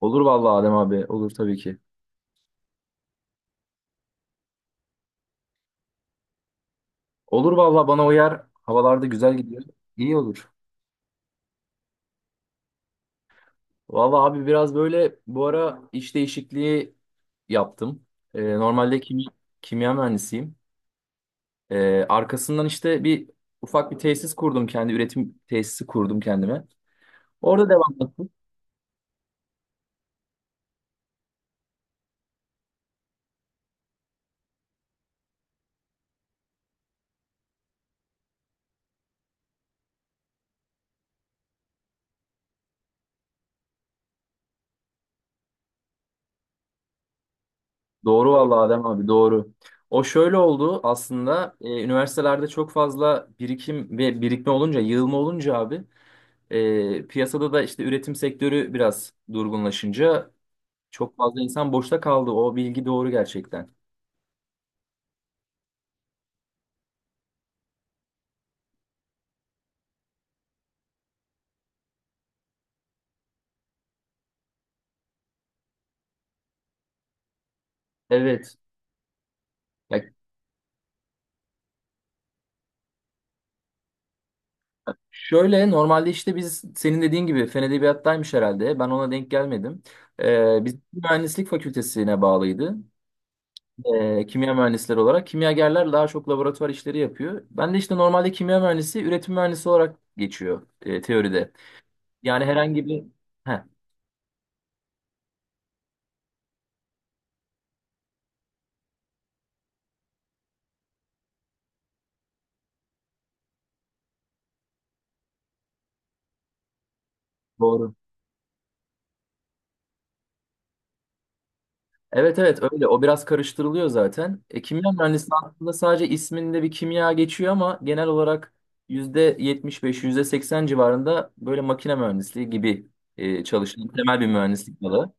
Olur vallahi Adem abi. Olur tabii ki. Olur vallahi bana uyar. Havalarda güzel gidiyor. İyi olur. Vallahi abi biraz böyle bu ara iş değişikliği yaptım. Normalde kimya mühendisiyim. Arkasından işte bir ufak tesis kurdum, kendi üretim tesisi kurdum kendime. Orada devam. Doğru vallahi Adem abi, doğru. O şöyle oldu aslında, üniversitelerde çok fazla birikim ve birikme olunca, yığılma olunca abi. Piyasada da işte üretim sektörü biraz durgunlaşınca çok fazla insan boşta kaldı. O bilgi doğru gerçekten. Evet. Ya şöyle, normalde işte biz senin dediğin gibi fen edebiyattaymış herhalde. Ben ona denk gelmedim. Biz mühendislik fakültesine bağlıydı. Kimya mühendisleri olarak. Kimyagerler daha çok laboratuvar işleri yapıyor. Ben de işte normalde kimya mühendisi, üretim mühendisi olarak geçiyor teoride. Yani herhangi bir... Heh, doğru. Evet, evet öyle. O biraz karıştırılıyor zaten. Kimya mühendisliği aslında sadece isminde bir kimya geçiyor, ama genel olarak %75 %80 civarında böyle makine mühendisliği gibi çalışan temel bir mühendislik dalı.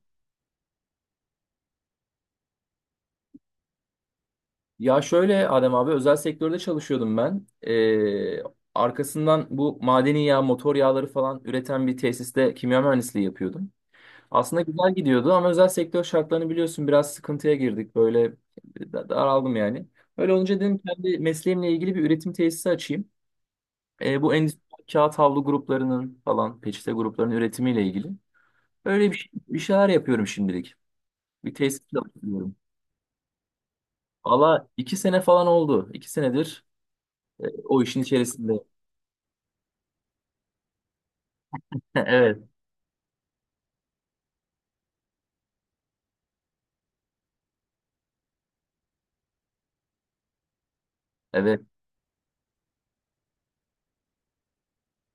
Ya şöyle Adem abi, özel sektörde çalışıyordum ben. Arkasından bu madeni yağ, motor yağları falan üreten bir tesiste kimya mühendisliği yapıyordum. Aslında güzel gidiyordu ama özel sektör şartlarını biliyorsun, biraz sıkıntıya girdik. Böyle daraldım yani. Öyle olunca dedim kendi mesleğimle ilgili bir üretim tesisi açayım. Bu endüstri kağıt havlu gruplarının falan, peçete gruplarının üretimiyle ilgili. Öyle bir, bir şeyler yapıyorum şimdilik. Bir tesis yapıyorum. Valla 2 sene falan oldu. 2 senedir o işin içerisinde. Evet. Evet.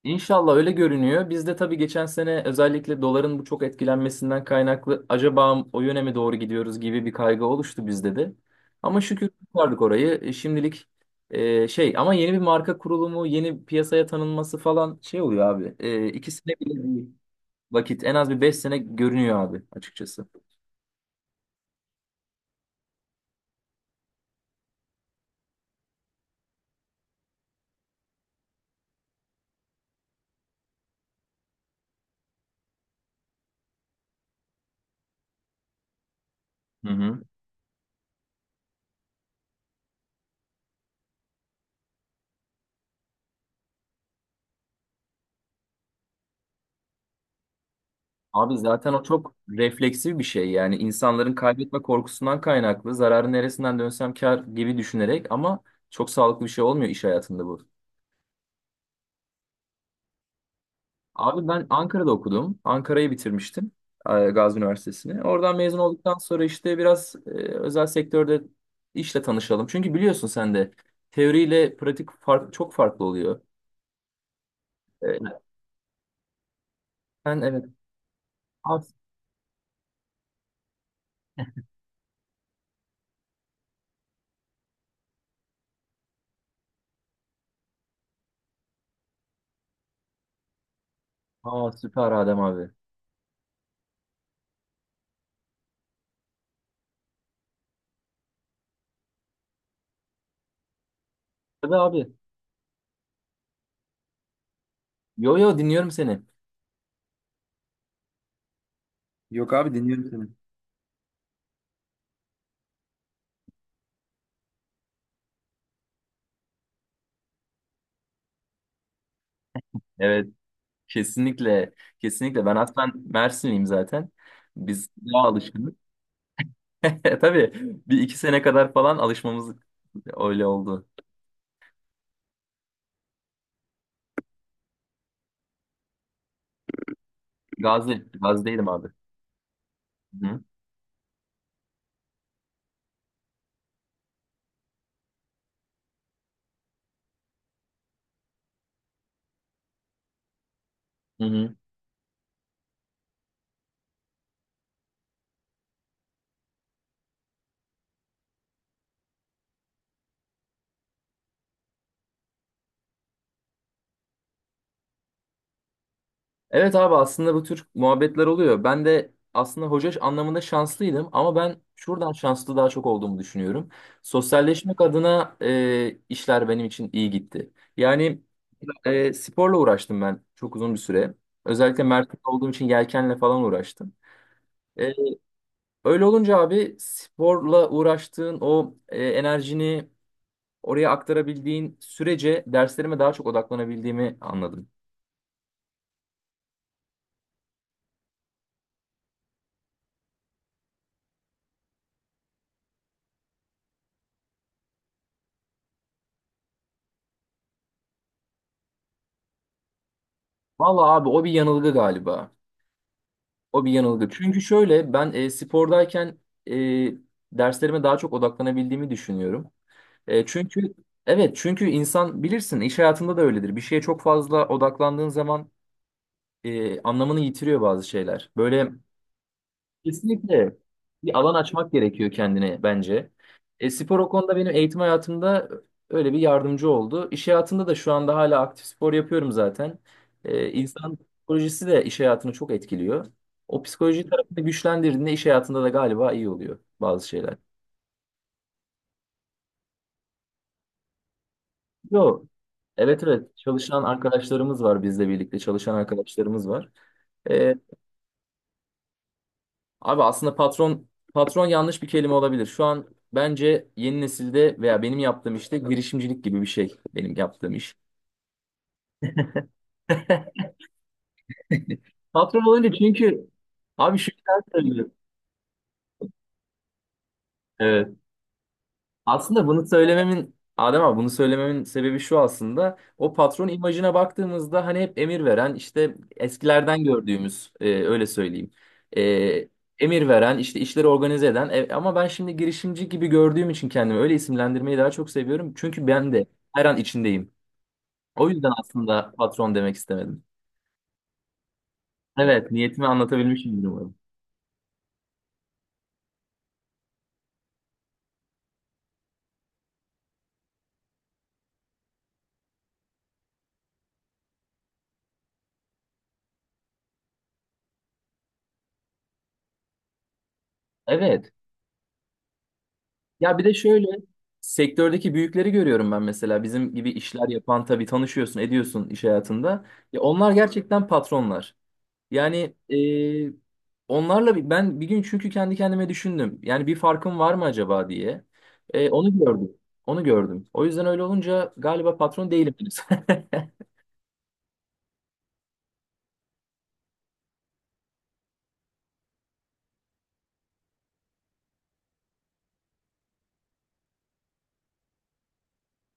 İnşallah öyle görünüyor. Biz de tabii geçen sene özellikle doların bu çok etkilenmesinden kaynaklı acaba o yöne mi doğru gidiyoruz gibi bir kaygı oluştu bizde de. Ama şükür kurtardık orayı. Şimdilik şey, ama yeni bir marka kurulumu, yeni piyasaya tanınması falan şey oluyor abi. 2 sene bile değil. Vakit en az bir 5 sene görünüyor abi, açıkçası. Hı hı. Abi zaten o çok refleksif bir şey, yani insanların kaybetme korkusundan kaynaklı zararı neresinden dönsem kar gibi düşünerek, ama çok sağlıklı bir şey olmuyor iş hayatında bu. Abi ben Ankara'da okudum. Ankara'yı bitirmiştim, Gazi Üniversitesi'ni. Oradan mezun olduktan sonra işte biraz özel sektörde işle tanışalım. Çünkü biliyorsun sen de teoriyle pratik fark, çok farklı oluyor. E, Ben evet. Aa, aa, süper Adem abi. Tabii abi. Yo yo, dinliyorum seni. Yok abi, dinliyorum seni. Evet. Kesinlikle, kesinlikle. Ben aslen Mersinliyim zaten. Biz daha alışkınız. Tabii bir iki sene kadar falan alışmamız öyle oldu. Gazi, Gazi'deydim abi. Hı hı. Hı. Evet abi, aslında bu tür muhabbetler oluyor. Ben de aslında hoca anlamında şanslıydım, ama ben şuradan şanslı daha çok olduğumu düşünüyorum. Sosyalleşmek adına işler benim için iyi gitti. Yani sporla uğraştım ben çok uzun bir süre. Özellikle Mersin'de olduğum için yelkenle falan uğraştım. E, Öyle olunca abi, sporla uğraştığın o enerjini oraya aktarabildiğin sürece derslerime daha çok odaklanabildiğimi anladım. Vallahi abi, o bir yanılgı galiba. O bir yanılgı. Çünkü şöyle, ben spordayken e, derslerime daha çok odaklanabildiğimi düşünüyorum. Çünkü evet, çünkü insan bilirsin, iş hayatında da öyledir. Bir şeye çok fazla odaklandığın zaman anlamını yitiriyor bazı şeyler. Böyle. Kesinlikle, bir alan açmak gerekiyor kendine bence. Spor o konuda benim eğitim hayatımda öyle bir yardımcı oldu. İş hayatında da şu anda hala aktif spor yapıyorum zaten. İnsan psikolojisi de iş hayatını çok etkiliyor. O psikoloji tarafını güçlendirdiğinde iş hayatında da galiba iyi oluyor bazı şeyler. Yo, evet evet, çalışan arkadaşlarımız var, bizle birlikte çalışan arkadaşlarımız var. E, Abi aslında patron yanlış bir kelime olabilir. Şu an bence yeni nesilde veya benim yaptığım işte girişimcilik gibi bir şey benim yaptığım iş. Patron olunca çünkü abi, şu yüzden söylüyorum. Evet. Aslında bunu söylememin Adem abi, bunu söylememin sebebi şu aslında. O patron imajına baktığımızda, hani hep emir veren, işte eskilerden gördüğümüz, öyle söyleyeyim. E, Emir veren, işte işleri organize eden. E, ama ben şimdi girişimci gibi gördüğüm için kendimi öyle isimlendirmeyi daha çok seviyorum. Çünkü ben de her an içindeyim. O yüzden aslında patron demek istemedim. Evet, niyetimi anlatabilmişim umarım. Evet. Ya bir de şöyle, sektördeki büyükleri görüyorum ben mesela bizim gibi işler yapan, tabii tanışıyorsun ediyorsun iş hayatında. Ya onlar gerçekten patronlar. Yani onlarla ben bir gün çünkü kendi kendime düşündüm. Yani bir farkım var mı acaba diye. Onu gördüm. Onu gördüm. O yüzden öyle olunca galiba patron değilim henüz.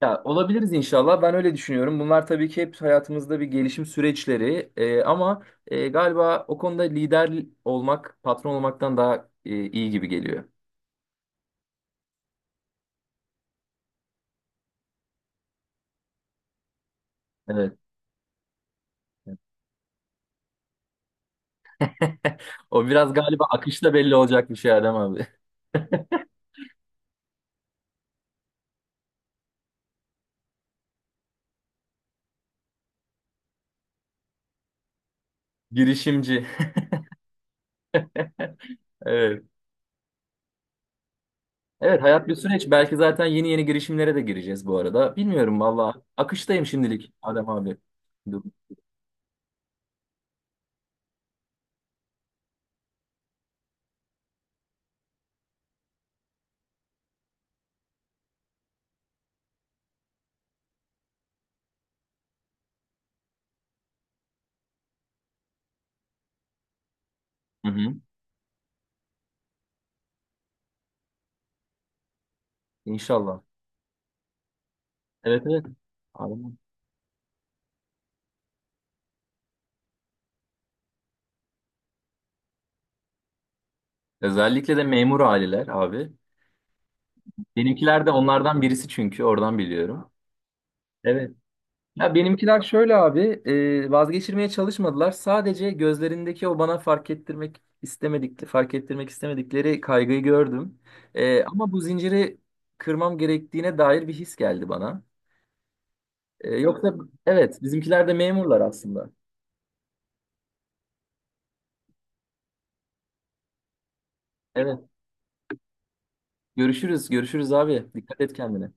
Ya olabiliriz inşallah. Ben öyle düşünüyorum. Bunlar tabii ki hep hayatımızda bir gelişim süreçleri. Ama galiba o konuda lider olmak patron olmaktan daha iyi gibi geliyor. Evet. O biraz galiba akışta belli olacak bir şey Adem abi. Girişimci. Evet. Evet, hayat bir süreç. Belki zaten yeni yeni girişimlere de gireceğiz bu arada. Bilmiyorum valla. Akıştayım şimdilik Adem abi. Dur. Hı hı. İnşallah. Evet evet. Adem abi. Özellikle de memur aileler abi. Benimkiler de onlardan birisi, çünkü oradan biliyorum. Evet. Ya benimkiler şöyle abi, vazgeçirmeye çalışmadılar. Sadece gözlerindeki o bana fark ettirmek istemedikleri kaygıyı gördüm. Ama bu zinciri kırmam gerektiğine dair bir his geldi bana. Yoksa evet, bizimkiler de memurlar aslında. Evet, görüşürüz, görüşürüz abi. Dikkat et kendine.